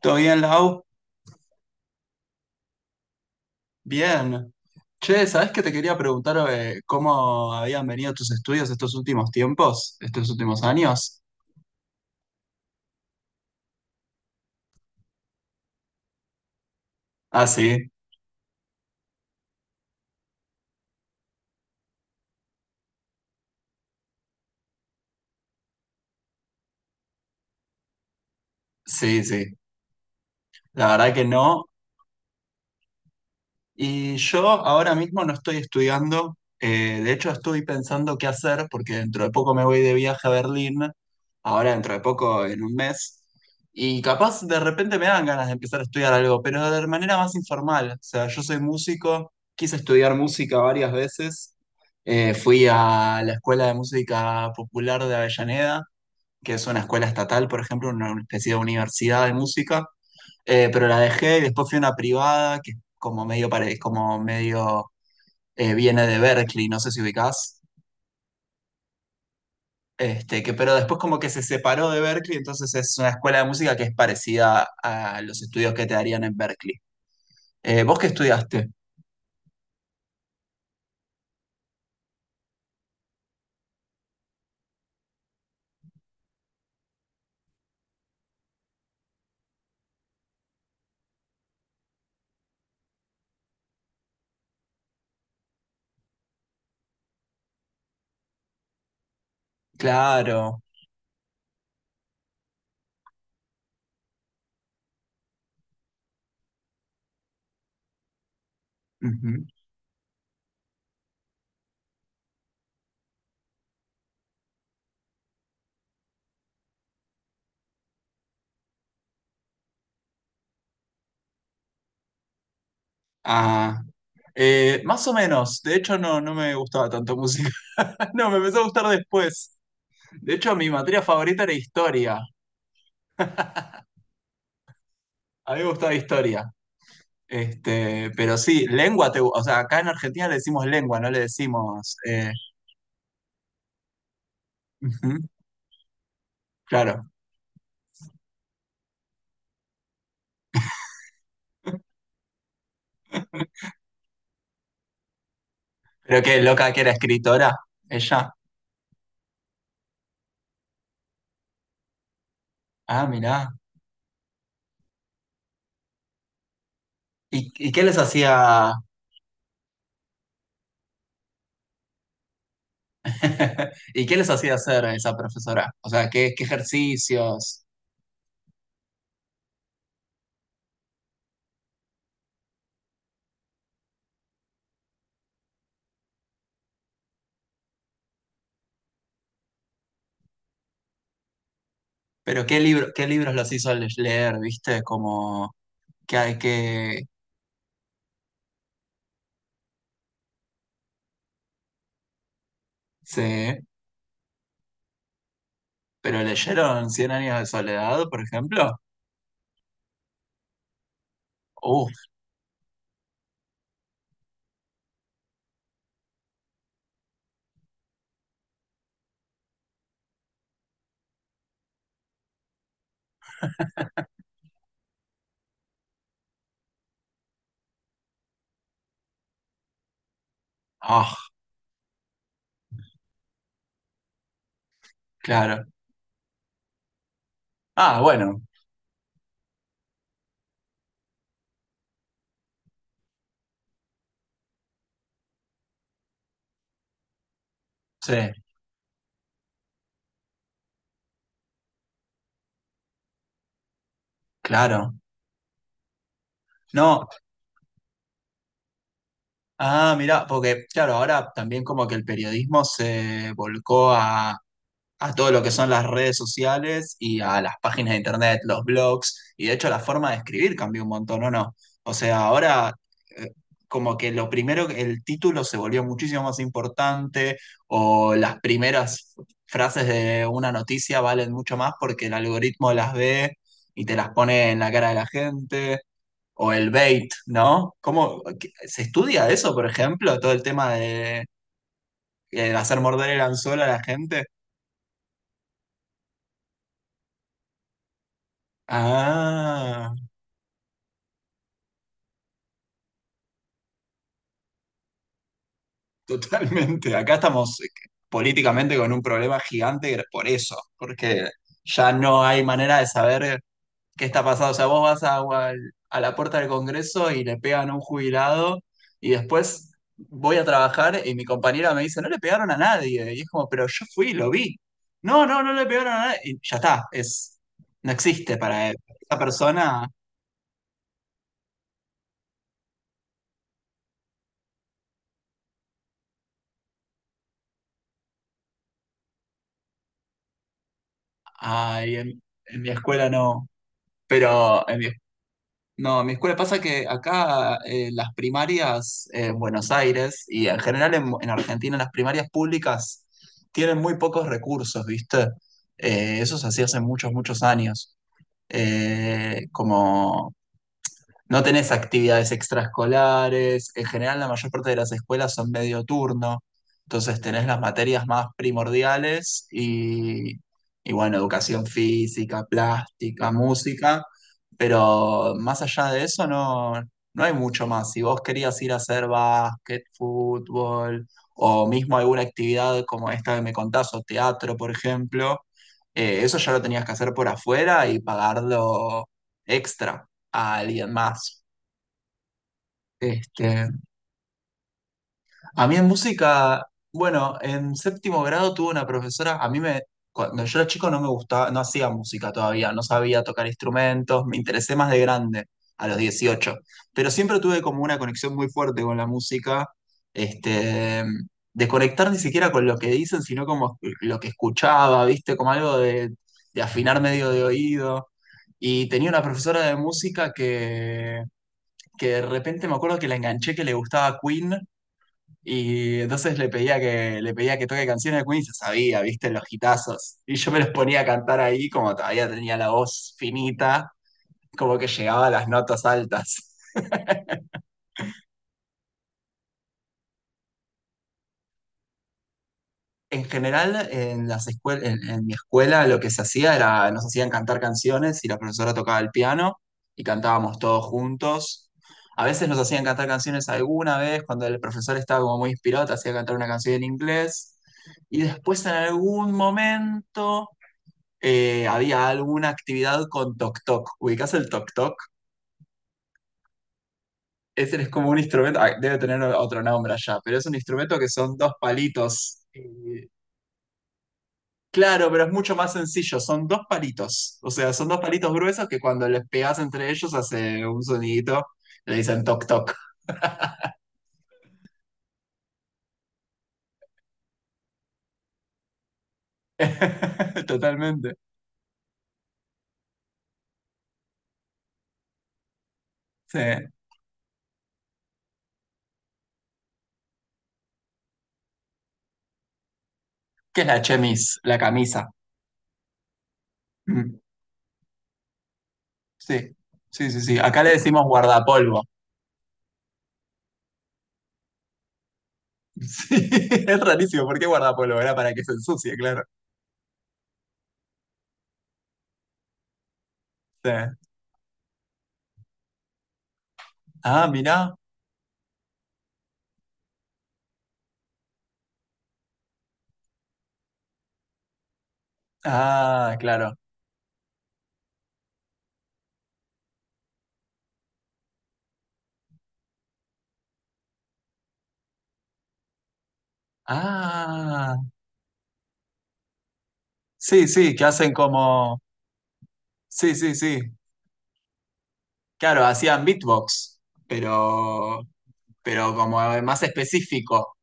¿Todo bien, Lau? Bien. Che, ¿sabés que te quería preguntar cómo habían venido tus estudios estos últimos tiempos, estos últimos años? Ah, sí, sí, sí. La verdad que no. Y yo ahora mismo no estoy estudiando, de hecho estoy pensando qué hacer porque dentro de poco me voy de viaje a Berlín, ahora dentro de poco en un mes, y capaz de repente me dan ganas de empezar a estudiar algo, pero de manera más informal. O sea, yo soy músico, quise estudiar música varias veces, fui a la Escuela de Música Popular de Avellaneda, que es una escuela estatal, por ejemplo, una especie de universidad de música. Pero la dejé y después fui a una privada que es como medio, como medio viene de Berkeley, no sé si ubicás. Este, que, pero después como que se separó de Berkeley, entonces es una escuela de música que es parecida a los estudios que te darían en Berkeley. ¿Vos qué estudiaste? Claro. Ujú. Ah, más o menos. De hecho, no, no me gustaba tanto música. No, me empezó a gustar después. De hecho, mi materia favorita era historia. A mí me gustaba historia. Este, pero sí, lengua, o sea, acá en Argentina le decimos lengua, no le decimos, ujú, claro. Pero qué loca, que era escritora, ella. Ah, mirá. Y qué les hacía, y qué les hacía hacer a esa profesora? O sea, qué, qué ejercicios, pero qué libro, qué libros los hizo leer, ¿viste? Como que hay que, sí. Pero leyeron Cien años de soledad, por ejemplo. Uh, ah, claro. Ah, bueno, sí, claro. No, ah, mirá, porque claro, ahora también como que el periodismo se volcó a todo lo que son las redes sociales y a las páginas de internet, los blogs, y de hecho la forma de escribir cambió un montón, ¿o no? O sea, ahora eh, como que lo primero, el título se volvió muchísimo más importante, o las primeras frases de una noticia valen mucho más porque el algoritmo las ve y te las pone en la cara de la gente, o el bait, ¿no? ¿Cómo se estudia eso, por ejemplo? Todo el tema de, hacer morder el anzuelo a la gente. Ah, totalmente. Acá estamos políticamente con un problema gigante por eso, porque ya no hay manera de saber. ¿Qué está pasando? O sea, vos vas a, a la puerta del Congreso y le pegan a un jubilado y después voy a trabajar y mi compañera me dice, no le pegaron a nadie. Y es como, pero yo fui, lo vi. No, no, no le pegaron a nadie. Y ya está, es, no existe para él. Esa persona, ay, en mi escuela no, pero en mi no, mi escuela pasa que acá las primarias en Buenos Aires y en general en Argentina las primarias públicas tienen muy pocos recursos, ¿viste? Eso se hacía hace muchos, muchos años. Como no tenés actividades extraescolares. En general, la mayor parte de las escuelas son medio turno. Entonces tenés las materias más primordiales y bueno, educación física, plástica, música. Pero más allá de eso, no, no hay mucho más. Si vos querías ir a hacer básquet, fútbol o mismo alguna actividad como esta que me contás, o teatro, por ejemplo, eso ya lo tenías que hacer por afuera y pagarlo extra a alguien más. Este, a mí en música, bueno, en séptimo grado tuve una profesora, a mí me, cuando yo era chico no me gustaba, no hacía música todavía, no sabía tocar instrumentos, me interesé más de grande, a los 18, pero siempre tuve como una conexión muy fuerte con la música, este, de conectar ni siquiera con lo que dicen, sino como lo que escuchaba, ¿viste? Como algo de afinar medio de oído. Y tenía una profesora de música que de repente me acuerdo que la enganché, que le gustaba Queen, y entonces le pedía que toque canciones de Queen y se sabía, viste, los gitazos. Y yo me los ponía a cantar ahí, como todavía tenía la voz finita, como que llegaba a las notas altas. En general, en las en mi escuela lo que se hacía era, nos hacían cantar canciones y la profesora tocaba el piano y cantábamos todos juntos. A veces nos hacían cantar canciones alguna vez, cuando el profesor estaba como muy inspirado, te hacía cantar una canción en inglés. Y después en algún momento había alguna actividad con toc toc. ¿Ubicás el toc toc? Ese es como un instrumento, ah, debe tener otro nombre allá, pero es un instrumento que son dos palitos. Claro, pero es mucho más sencillo. Son dos palitos. O sea, son dos palitos gruesos que cuando les pegas entre ellos hace un sonidito. Le dicen toc toc. Totalmente. Sí. ¿Qué es la chemis? La camisa. Mm, sí. Sí, sí, sí. Acá le decimos guardapolvo. Sí, es rarísimo. ¿Por qué guardapolvo? Era para que se ensucie, claro. Sí. Ah, mirá. Ah, claro. Ah. Sí, sí, que hacen como. Sí, sí, sí. Claro, hacían beatbox, pero pero como más específico.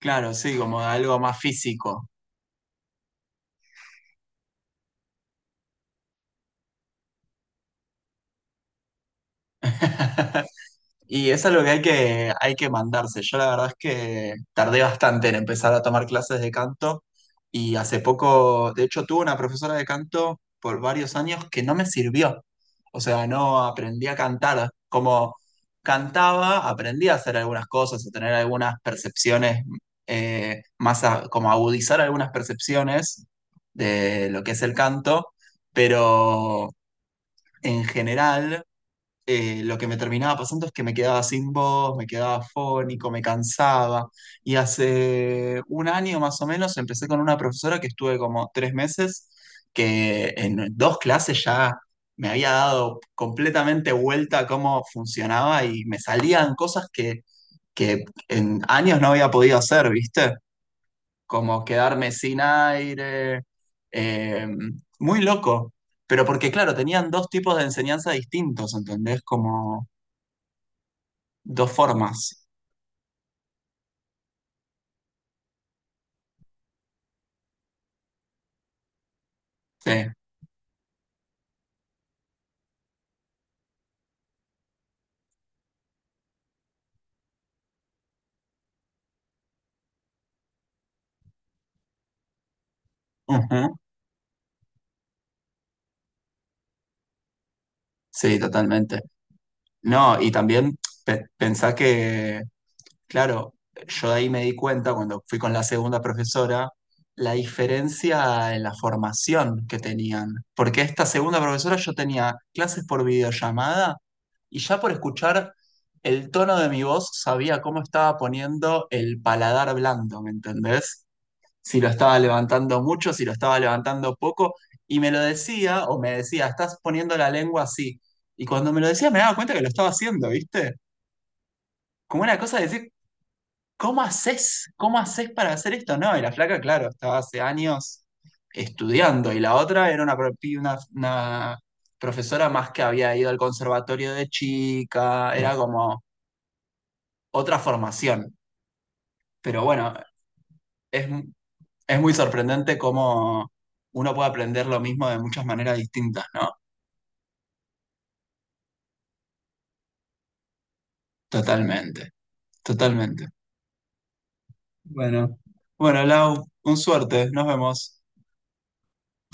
Claro, sí, como algo más físico. Y es algo que hay que, hay que mandarse. Yo la verdad es que tardé bastante en empezar a tomar clases de canto y hace poco, de hecho, tuve una profesora de canto por varios años que no me sirvió. O sea, no aprendí a cantar. Como cantaba, aprendí a hacer algunas cosas, a tener algunas percepciones, más como agudizar algunas percepciones de lo que es el canto, pero en general lo que me terminaba pasando es que me quedaba sin voz, me quedaba fónico, me cansaba. Y hace un año más o menos empecé con una profesora que estuve como 3 meses, que en dos clases ya me había dado completamente vuelta a cómo funcionaba y me salían cosas que en años no había podido hacer, ¿viste? Como quedarme sin aire, eh, muy loco. Pero porque, claro, tenían dos tipos de enseñanza distintos, ¿entendés? Como dos formas, sí. Ujú. Sí, totalmente. No, y también pensá que, claro, yo de ahí me di cuenta cuando fui con la segunda profesora, la diferencia en la formación que tenían. Porque esta segunda profesora yo tenía clases por videollamada y ya por escuchar el tono de mi voz sabía cómo estaba poniendo el paladar blando, ¿me entendés? Si lo estaba levantando mucho, si lo estaba levantando poco, y me lo decía, o me decía, estás poniendo la lengua así. Y cuando me lo decía me daba cuenta que lo estaba haciendo, ¿viste? Como una cosa de decir, ¿cómo haces? ¿Cómo haces para hacer esto? No, y la flaca, claro, estaba hace años estudiando, y la otra era una profesora más que había ido al conservatorio de chica. Mm. Era como otra formación. Pero bueno, es, es muy sorprendente cómo uno puede aprender lo mismo de muchas maneras distintas, ¿no? Totalmente, totalmente. Bueno, bueno, Lau, un suerte, nos vemos.